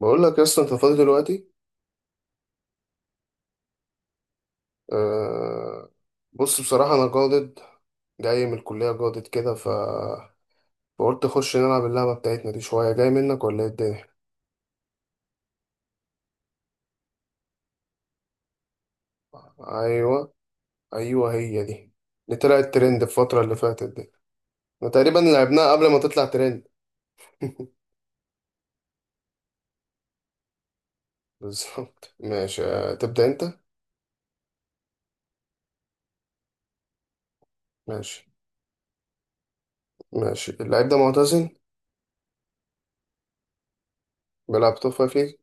بقول لك يا اسطى انت فاضي دلوقتي. أه. بص، بصراحة انا جادد، جاي من الكلية جادد كده، فقلت اخش نلعب اللعبة بتاعتنا دي شوية، جاي منك ولا ايه الدنيا؟ ايوه ايوه، هي دي اللي طلعت ترند الفترة اللي فاتت دي. احنا تقريبا لعبناها قبل ما تطلع ترند. بالظبط ماشي، تبدأ انت. ماشي. ماشي، اللعيب ده معتزل. بيلعب توب فايف ليج.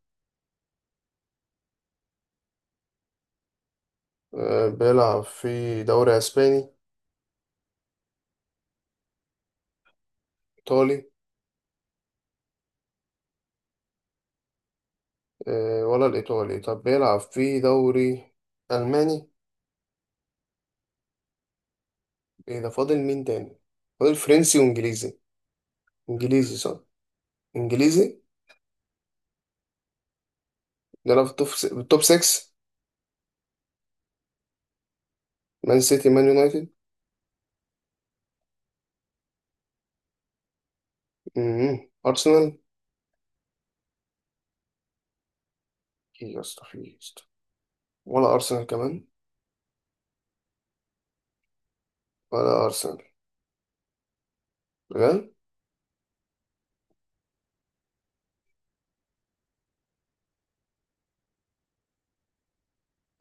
بيلعب في دوري اسباني، ايطالي، ولا الإيطالي؟ طب بيلعب في دوري ألماني؟ إيه ده، فاضل مين تاني؟ فاضل فرنسي وإنجليزي. إنجليزي صح؟ إنجليزي. بيلعب في التوب 6. مان سيتي، مان يونايتد. مم. أرسنال. إيه يا اسطى، في إيه يا اسطى؟ ولا أرسنال كمان؟ ولا أرسنال؟ بجد.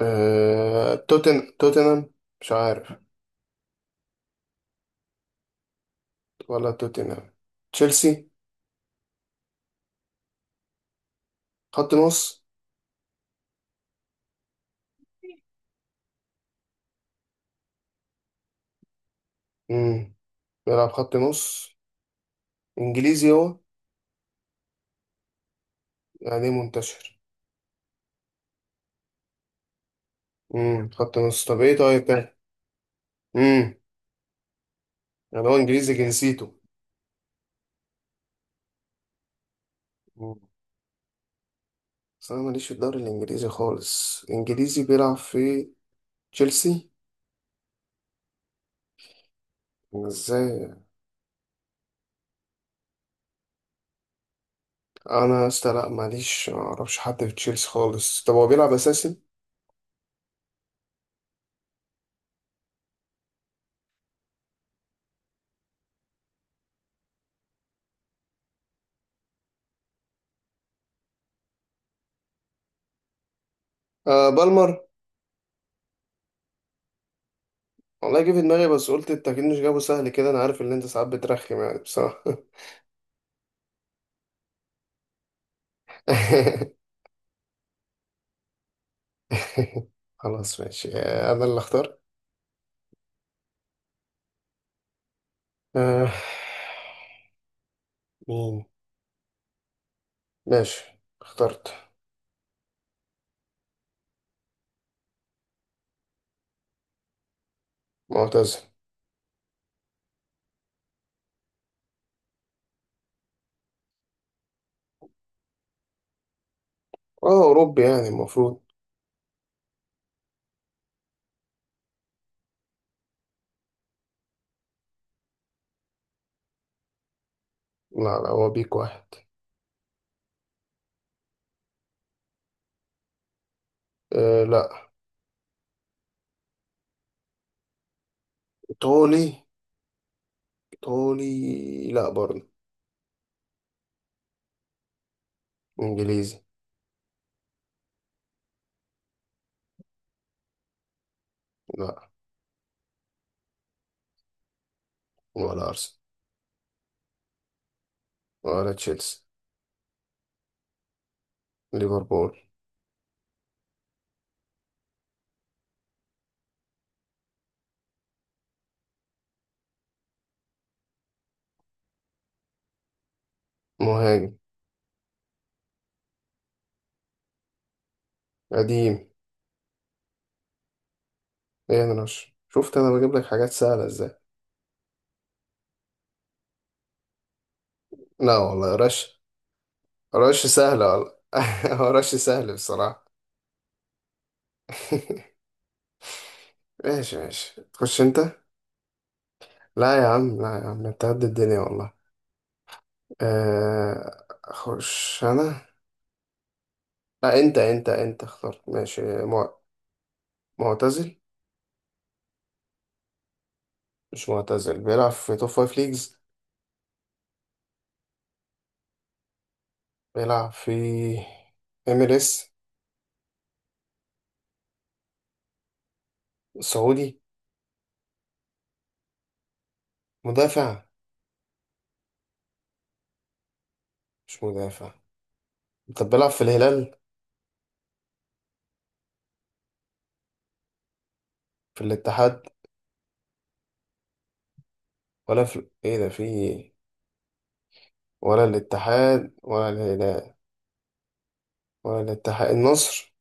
توتنهام؟ مش عارف. ولا توتنهام؟ تشيلسي؟ خط نص. مم. بيلعب خط نص. إنجليزي هو. يعني إيه منتشر؟ خط نص، طب ايه طيب تاني؟ امم يعني هو انجليزي جنسيته. مم. بس انا ماليش في الدوري الانجليزي خالص. انجليزي بيلعب في تشيلسي؟ ازاي؟ انا يا اسطى لا، ماليش، معرفش حد في تشيلسي خالص. طب هو بيلعب اساسي؟ آه، بالمر. والله جه في دماغي، بس قلت انت اكيد مش جابه سهل كده، انا عارف ان انت ساعات بترخم يعني بصراحة. خلاص ماشي، آه، انا اللي اختار. آه. مين؟ ماشي. اخترت. معتز اه، أوروبي يعني المفروض. لا لا، هو بيك واحد. آه، لا. إيطالي. إيطالي لا برضه. إنجليزي. لا. ولا أرسنال. ولا تشيلسي. ليفربول. مهاجم. قديم. إيه؟ انا رش؟ شفت أنا بجيب لك حاجات سهلة إزاي. لا والله، رش. رش سهلة والله. هو رش سهل بصراحة. ماشي ماشي، تخش أنت. لا يا عم، لا يا عم، أنت قد الدنيا والله. أخش أنا. لا، أنت أنت أنت اخترت. ماشي معتزل؟ مش معتزل، بيلعب في توب فايف ليجز. بيلعب في MLS. سعودي. مدافع. مش مدافع. طب بيلعب في الهلال؟ في الاتحاد؟ ولا في ايه ده، في إيه؟ ولا الاتحاد ولا الهلال؟ ولا الاتحاد، النصر؟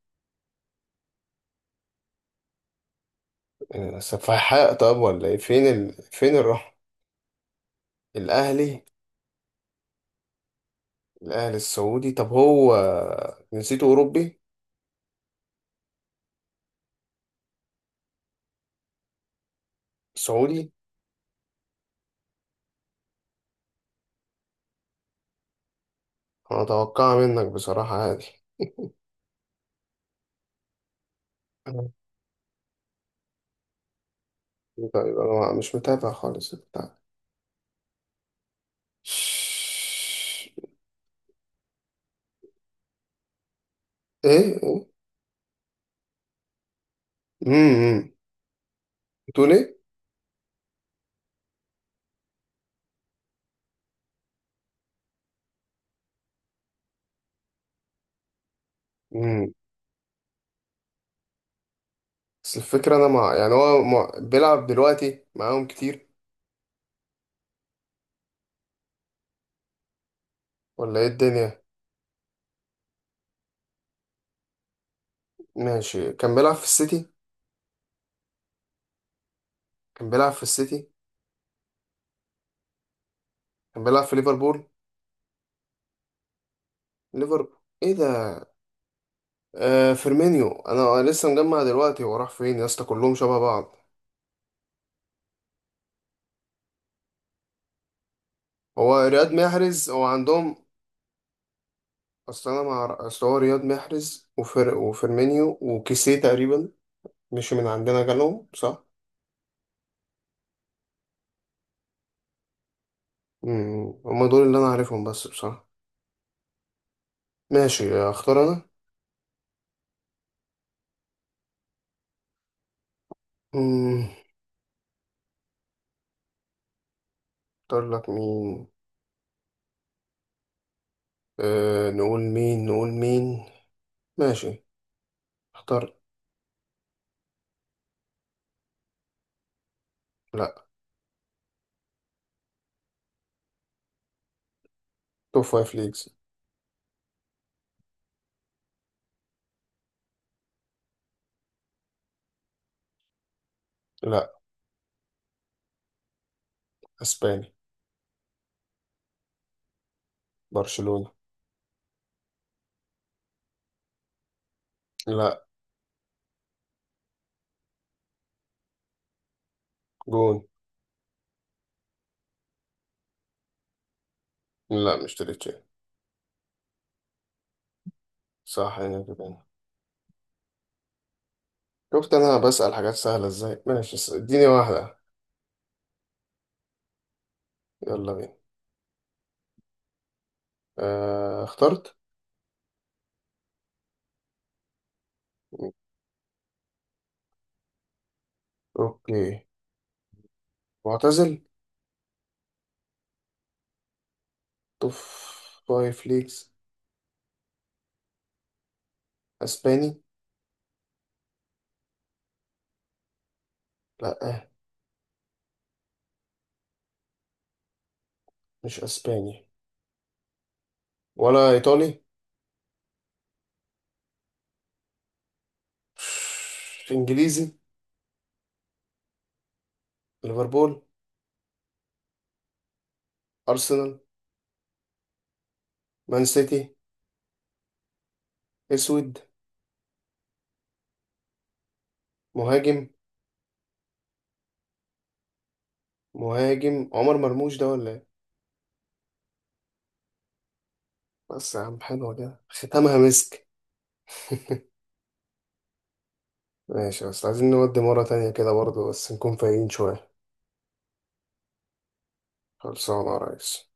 إيه، سفاحة، طب ولا ايه، فين الرحمة؟ الاهلي. الاهلي السعودي، طب هو جنسيته اوروبي؟ سعودي. انا اتوقع منك بصراحة، عادي. طيب انا مش متابع خالص. ايه ايه. امم. بتقول ايه؟ امم. بس الفكره انا مع يعني بيلعب دلوقتي معاهم كتير ولا ايه الدنيا؟ ماشي، كان بيلعب في السيتي. كان بيلعب في السيتي. كان بيلعب في ليفربول. ليفربول. ايه ده؟ فيرمينيو. انا لسه مجمع دلوقتي، هو راح فين يا اسطى؟ كلهم شبه بعض. هو رياض محرز هو عندهم. اصل انا مع اصل هو رياض محرز وفيرمينيو وكيسيه تقريبا، مش من عندنا جالهم صح. مم. هما دول اللي انا عارفهم بس بصراحة. ماشي، اختار انا. مم. اختار لك مين؟ أه، نقول مين، نقول مين. ماشي. اختار. لا. توب فايف ليجز. لا. اسباني. برشلونة. لا. جون. لا، مش تريتشي. صح، انا كده. شفت انا بسأل حاجات سهلة ازاي. ماشي، اديني واحدة. يلا بينا. أه، اخترت. اوكي. معتزل. توب فايف ليجز. اسباني. لا، مش اسباني، ولا إيطالي. إنجليزي. ليفربول. أرسنال. مان سيتي. أسود. مهاجم. مهاجم عمر مرموش ده ولا إيه؟ بس يا عم، حلوة كده ختامها مسك. ماشي، بس عايزين نودي مرة تانية كده برضه، بس نكون فايقين شوية. خلصانة يا ريس.